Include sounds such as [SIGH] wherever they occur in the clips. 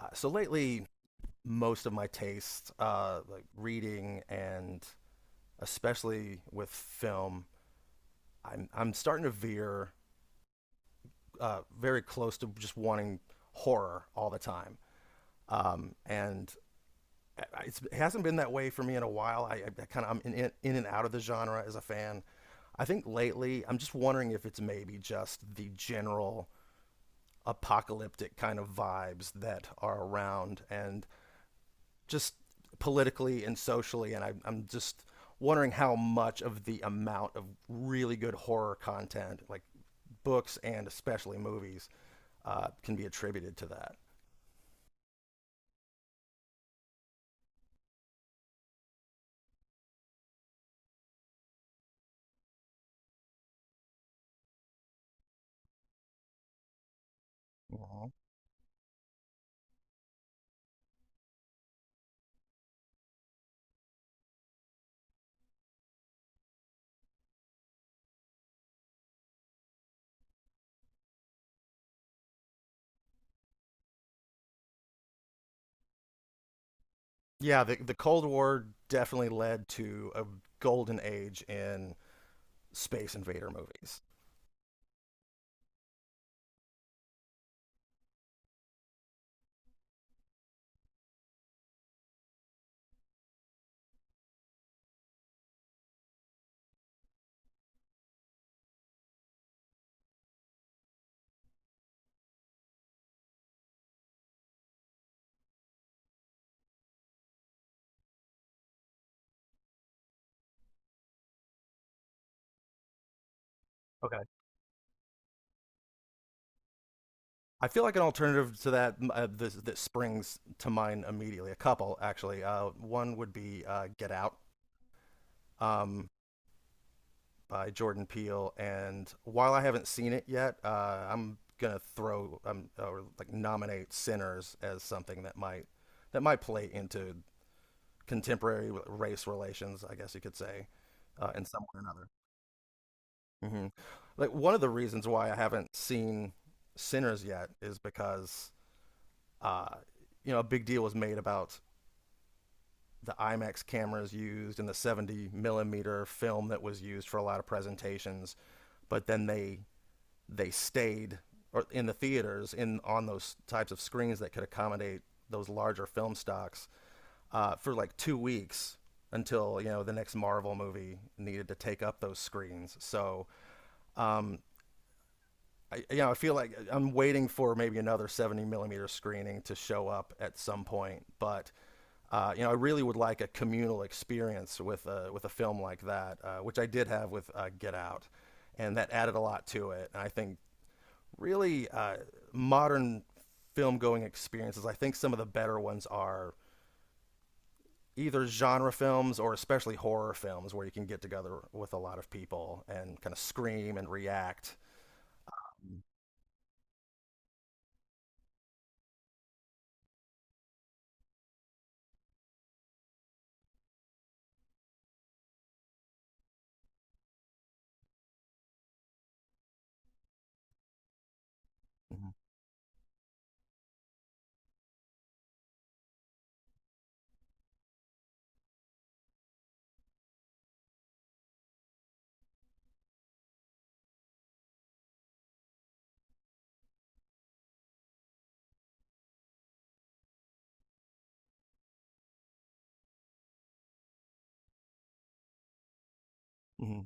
So lately, most of my tastes, like reading and especially with film, I'm starting to veer very close to just wanting horror all the time. And it hasn't been that way for me in a while. I kind of I'm in and out of the genre as a fan. I think lately I'm just wondering if it's maybe just the general apocalyptic kind of vibes that are around and just politically and socially. And I'm just wondering how much of the amount of really good horror content, like books and especially movies, can be attributed to that. Mhm. Yeah, the Cold War definitely led to a golden age in space invader movies. Okay. I feel like an alternative to that, that springs to mind immediately. A couple, actually. One would be Get Out. Um, by Jordan Peele, and while I haven't seen it yet, I'm gonna throw or like nominate Sinners as something that might play into contemporary race relations, I guess you could say, in some way or another. hmm Like one of the reasons why I haven't seen Sinners yet is because uh, you know a big deal was made about the IMAX cameras used and the 70 millimeter film that was used for a lot of presentations, but then they stayed or in the theaters in on those types of screens that could accommodate those larger film stocks for like 2 weeks until you know the next Marvel movie needed to take up those screens. So you know, I feel like I'm waiting for maybe another 70 millimeter screening to show up at some point. But you know, I really would like a communal experience with a film like that, which I did have with Get Out, and that added a lot to it. And I think really modern film going experiences. I think some of the better ones are either genre films or especially horror films, where you can get together with a lot of people and kind of scream and react. Mm-hmm. Mm-hmm.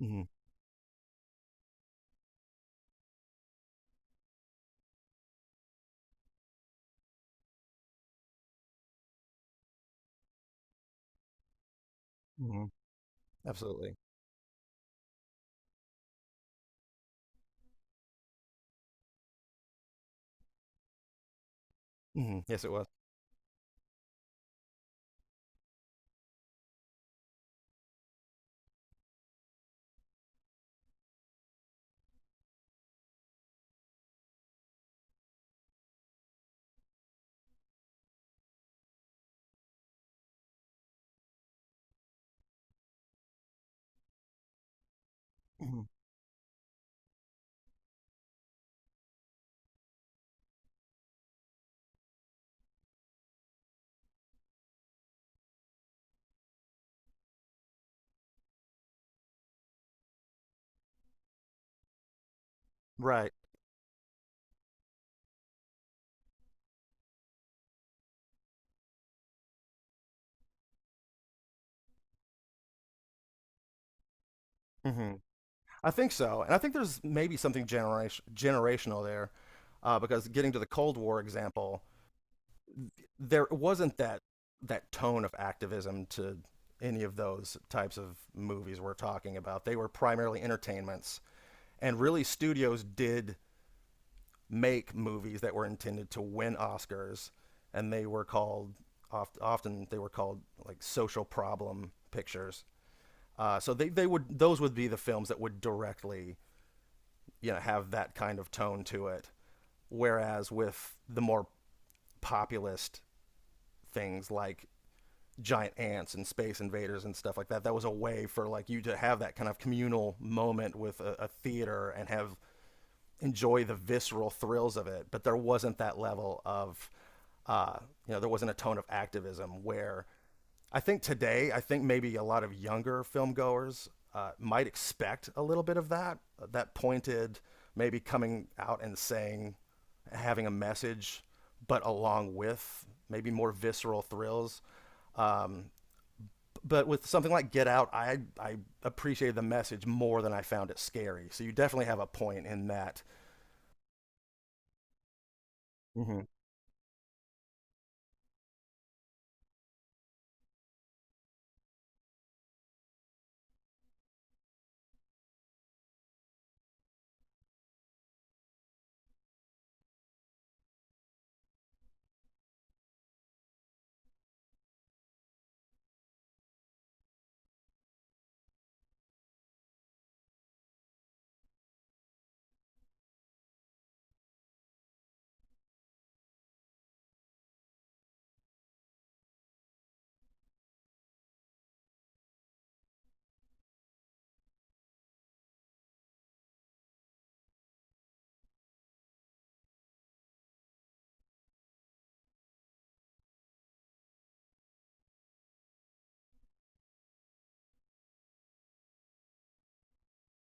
Mm-hmm. Mm-hmm. Absolutely. Hmm. Yes, it was. Hmm. Right. Hmm. I think so, and I think there's maybe something generational there, because getting to the Cold War example, there wasn't that tone of activism to any of those types of movies we're talking about. They were primarily entertainments, and really studios did make movies that were intended to win Oscars, and they were called often they were called like social problem pictures. So they would those would be the films that would directly you know have that kind of tone to it. Whereas with the more populist things like giant ants and space invaders and stuff like that, that was a way for like you to have that kind of communal moment with a theater and have enjoy the visceral thrills of it, but there wasn't that level of, uh, you know, there wasn't a tone of activism where I think today, I think maybe a lot of younger film goers might expect a little bit of that, that pointed, maybe coming out and saying, having a message, but along with maybe more visceral thrills. Um, but with something like Get Out, I appreciated the message more than I found it scary. So you definitely have a point in that. Mm-hmm.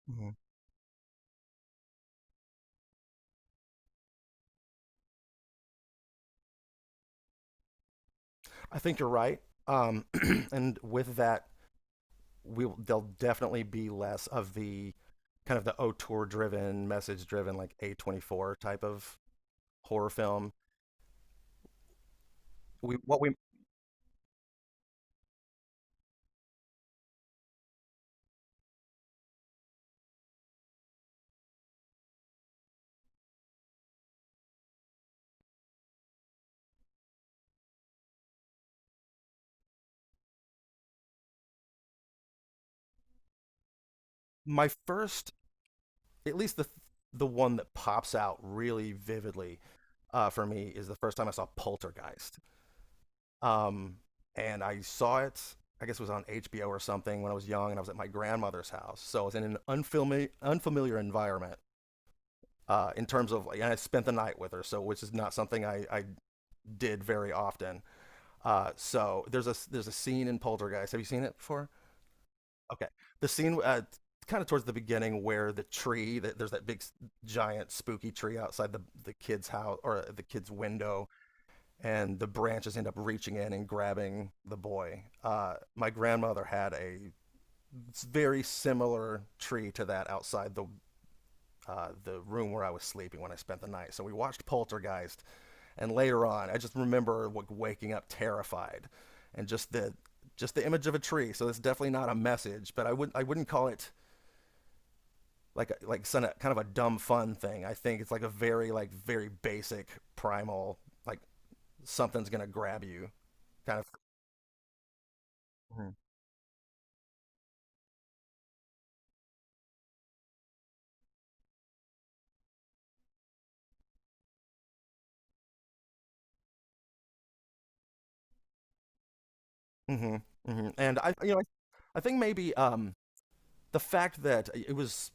Mhm. I think you're right. Um, [CLEARS THROAT] and with that, there'll definitely be less of the kind of the auteur driven, message driven, like A24 type of horror film. We what we My first, at least the one that pops out really vividly for me is the first time I saw Poltergeist. Um, and I saw it, I guess it was on HBO or something when I was young, and I was at my grandmother's house. So I was in an unfamiliar environment. In terms of And I spent the night with her, so which is not something I did very often. So there's a scene in Poltergeist. Have you seen it before? Okay, the scene kind of towards the beginning where there's that big giant spooky tree outside the kid's house or the kid's window, and the branches end up reaching in and grabbing the boy. My grandmother had a very similar tree to that outside the room where I was sleeping when I spent the night. So we watched Poltergeist. And later on, I just remember like waking up terrified, and just the image of a tree. So it's definitely not a message, but I wouldn't call it like a, like kind of a dumb fun thing. I think it's like a very very basic primal like something's gonna grab you kind of. Mm-hmm. Hmm. And I you know I think maybe the fact that it was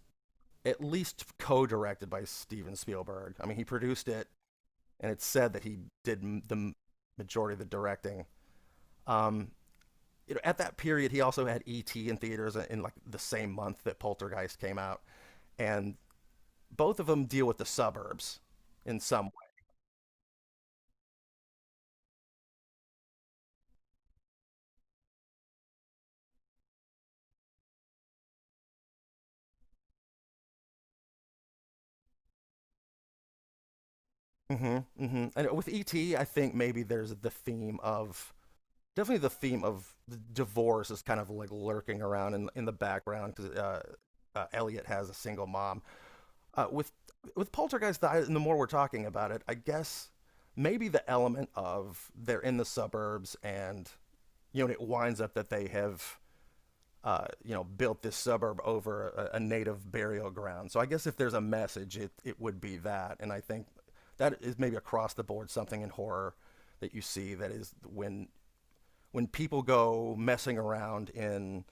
at least co-directed by Steven Spielberg. I mean, he produced it, and it's said that he did majority of the directing. Um, you know, at that period, he also had E.T. in theaters in, like the same month that Poltergeist came out, and both of them deal with the suburbs in some way. Mm-hmm, mm-hmm. And with E.T., I think maybe there's the theme of definitely the theme of the divorce is kind of like lurking around in the background because Elliot has a single mom. Uh, with with Poltergeist, and the more we're talking about it, I guess maybe the element of they're in the suburbs and you know it winds up that they have you know, built this suburb over a native burial ground. So I guess if there's a message, it would be that. And I think that is maybe across the board something in horror that you see that is when people go messing around in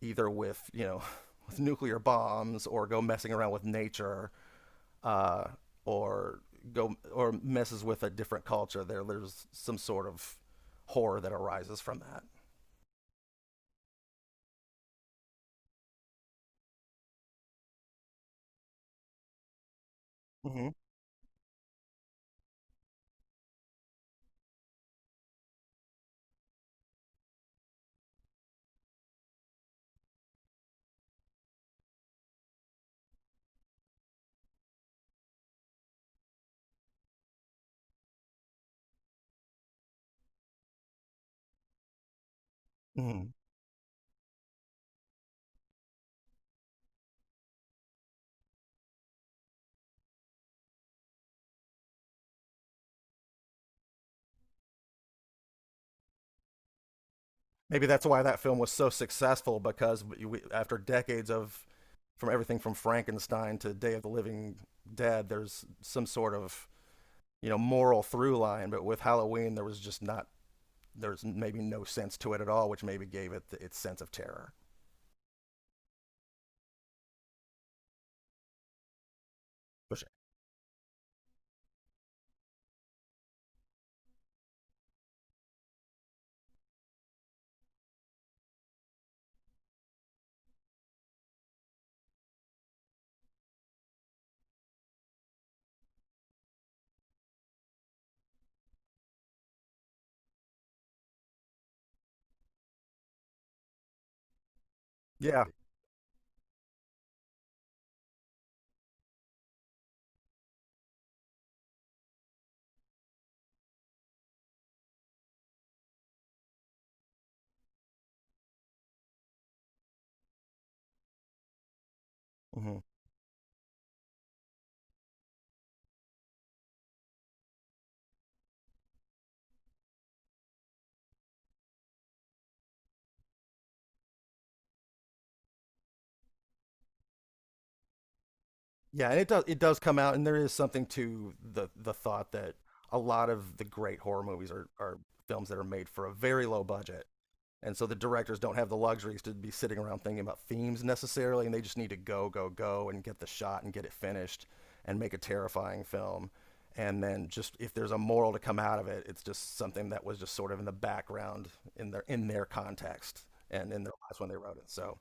either with you know [LAUGHS] with nuclear bombs or go messing around with nature uh, or go or messes with a different culture. There's some sort of horror that arises from that. Mm-hmm. Mm-hmm. Maybe that's why that film was so successful because we, after decades of from everything from Frankenstein to Day of the Living Dead, there's some sort of you know moral through line. But with Halloween, there was just not there's maybe no sense to it at all, which maybe gave it the, its sense of terror. Which— yeah, hmm yeah, and it does come out, and there is something to the thought that a lot of the great horror movies are films that are made for a very low budget. And so the directors don't have the luxuries to be sitting around thinking about themes necessarily, and they just need to go, go, go and get the shot and get it finished and make a terrifying film. And then just if there's a moral to come out of it, it's just something that was just sort of in the background in their context and in their lives when they wrote it. So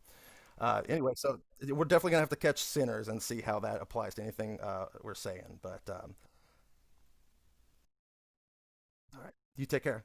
anyway, so we're definitely gonna have to catch Sinners and see how that applies to anything we're saying. But all right, you take care.